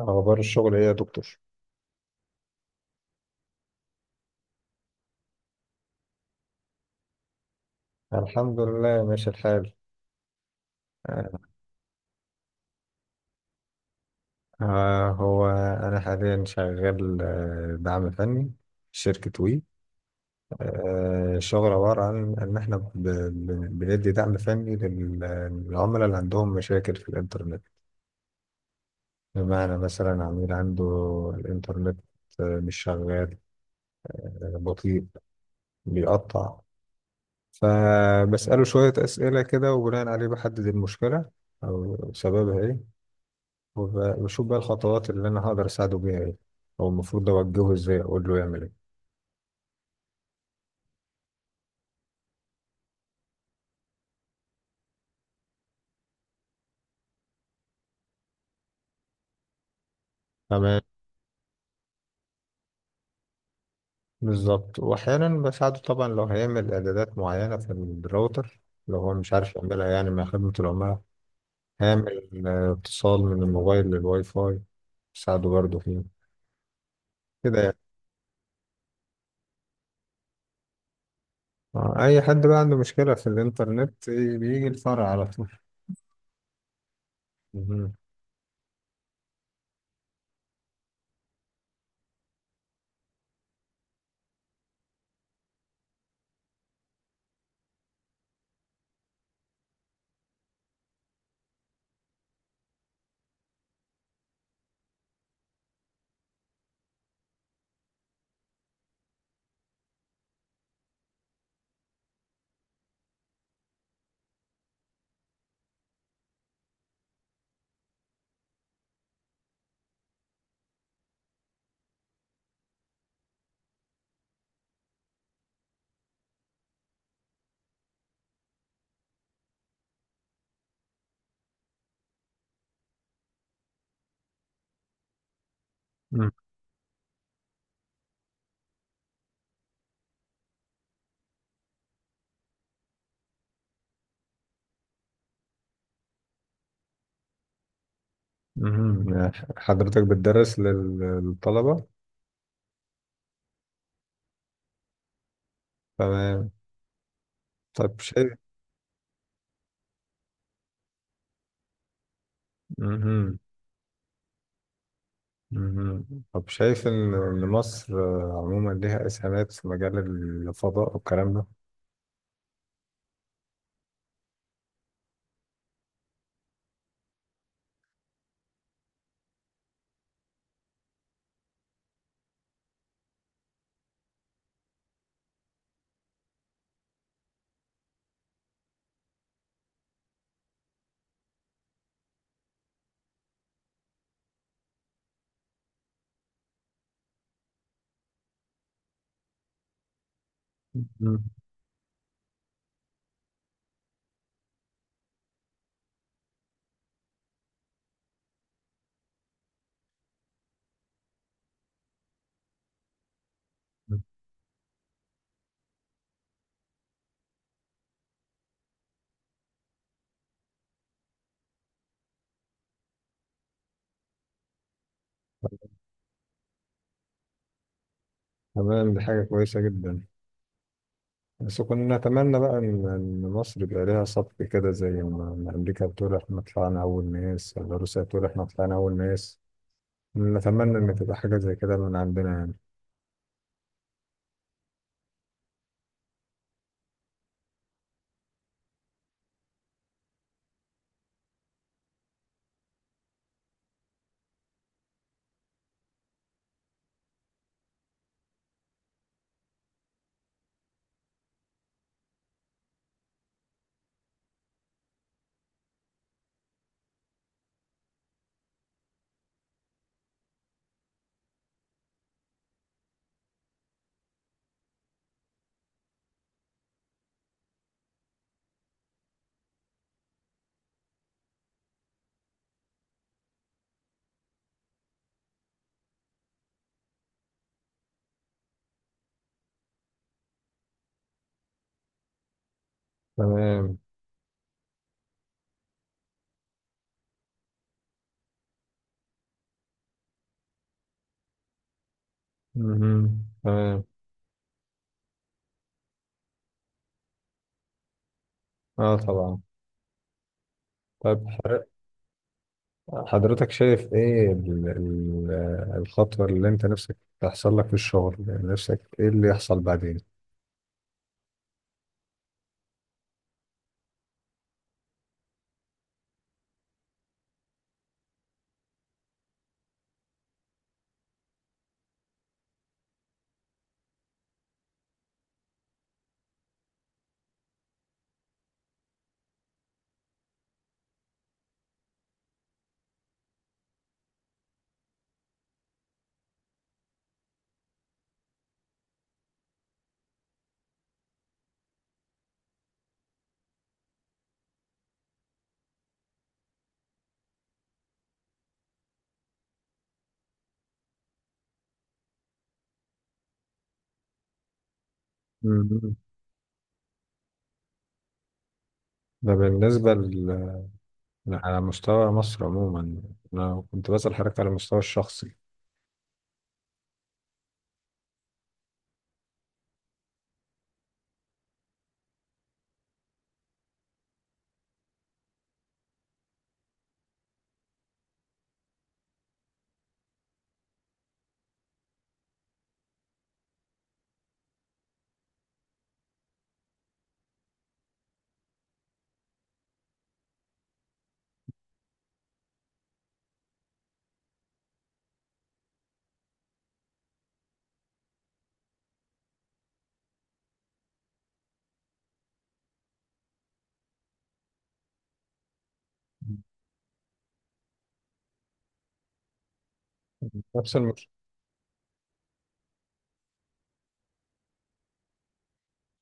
أخبار الشغل إيه يا دكتور؟ الحمد لله ماشي الحال. آه هو أنا حاليا شغال، دعم فني في شركة وي. الشغل عبارة عن إن إحنا بندي دعم فني للعملاء اللي عندهم مشاكل في الإنترنت. بمعنى مثلا عميل عنده الإنترنت مش شغال، بطيء، بيقطع. فبسأله شوية أسئلة كده وبناء عليه بحدد المشكلة أو سببها إيه، وبشوف بقى الخطوات اللي انا هقدر اساعده بيها ايه، او المفروض اوجهه ازاي اقول له يعمل ايه. تمام، بالظبط. واحيانا بساعده طبعا لو هيعمل اعدادات معينه في الراوتر، لو هو مش عارف يعملها، يعني مع خدمه العملاء هيعمل اتصال من الموبايل للواي فاي. بساعده برضه فيه كده يعني. اي حد بقى عنده مشكله في الانترنت إيه، بيجي الفرع على طول. مهم. مم. مهم. حضرتك بتدرس للطلبه؟ تمام. طب شايف مهم. مهم. طب شايف إن مصر عموما ليها إسهامات في مجال الفضاء والكلام ده؟ مم. تمام، دي حاجة كويسة جدا. بس كنا نتمنى بقى إن مصر يبقى ليها سبق كده، زي ما أمريكا بتقول إحنا طلعنا أول ناس، ولا روسيا بتقول إحنا طلعنا أول ناس. نتمنى إن تبقى حاجة زي كده من عندنا يعني. تمام. مهم. تمام. آه طبعا. طيب، حضرتك شايف ايه الخطوة اللي انت نفسك تحصل لك في الشغل؟ يعني نفسك ايه اللي يحصل بعدين؟ مم. ده بالنسبة ل- على مستوى مصر عموما. انا كنت بسأل حضرتك على المستوى الشخصي. نفس المش...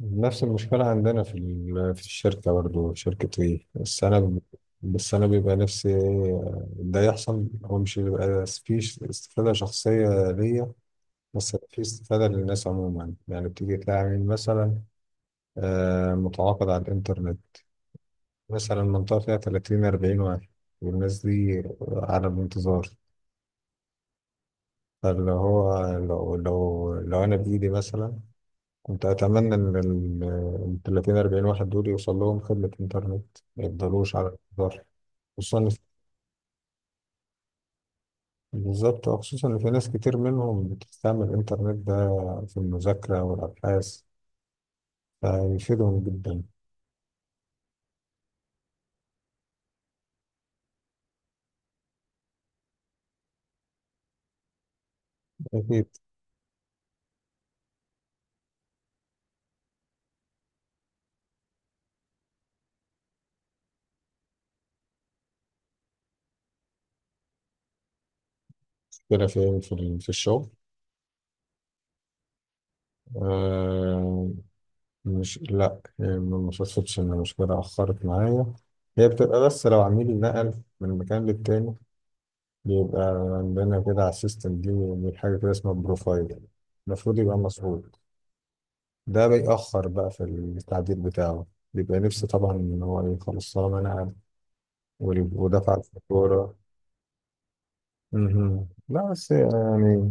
نفس المشكلة عندنا في الشركة برضه في شركة ايه، بس انا بيبقى نفسي إيه ده يحصل. هو مش بيبقى فيه استفادة شخصية ليا، بس في استفادة للناس عموما. يعني بتيجي تلاقي عميل مثلا متعاقد على الإنترنت، مثلا منطقة فيها 30 40 واحد والناس دي على الانتظار. فاللي هو لو أنا بإيدي مثلا، كنت أتمنى إن ال 30 40 واحد دول يوصل لهم خدمة إنترنت ما يفضلوش على الانتظار. خصوصا إن في- بالظبط. خصوصا إن في ناس كتير منهم بتستعمل الإنترنت ده في المذاكرة والأبحاث، فيفيدهم جدا. أكيد. كده في الشغل. آه، مش، لا، هي ما شفتش ان المشكله اخرت معايا. هي بتبقى بس لو عميل نقل من مكان للتاني، بيبقى عندنا كده على السيستم دي من حاجه كده اسمها بروفايل، المفروض يبقى مسروق. ده بيأخر بقى في التعديل بتاعه. بيبقى نفسه طبعا ان هو ايه، خلاص طالما نقل ودفع الفاتوره. مهم. لا بس يعني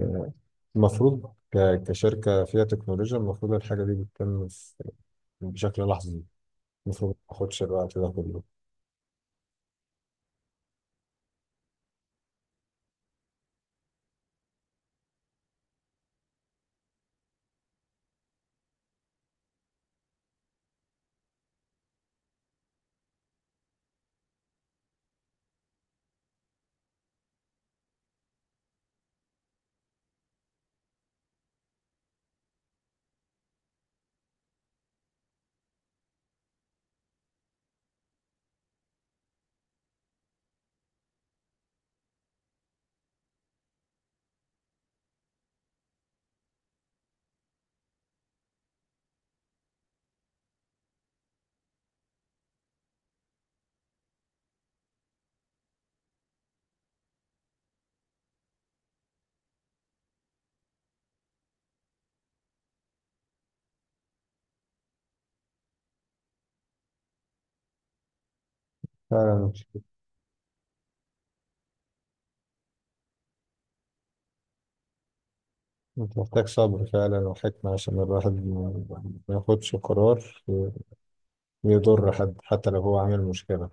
المفروض كشركه فيها تكنولوجيا، المفروض الحاجه دي بتتم بشكل لحظي. المفروض ما تاخدش الوقت ده كله. فعلا. محتاج صبر فعلا وحكمة عشان الواحد ما ما ياخدش قرار يضر حد حتى لو هو عامل مشكلة.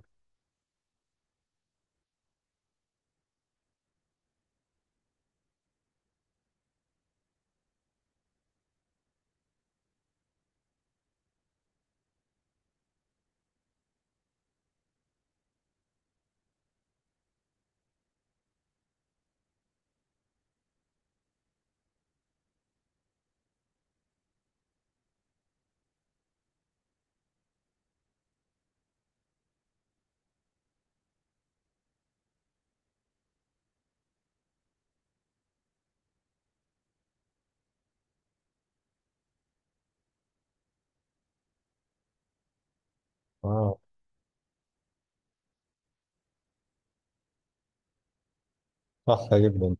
اه. صح جدا.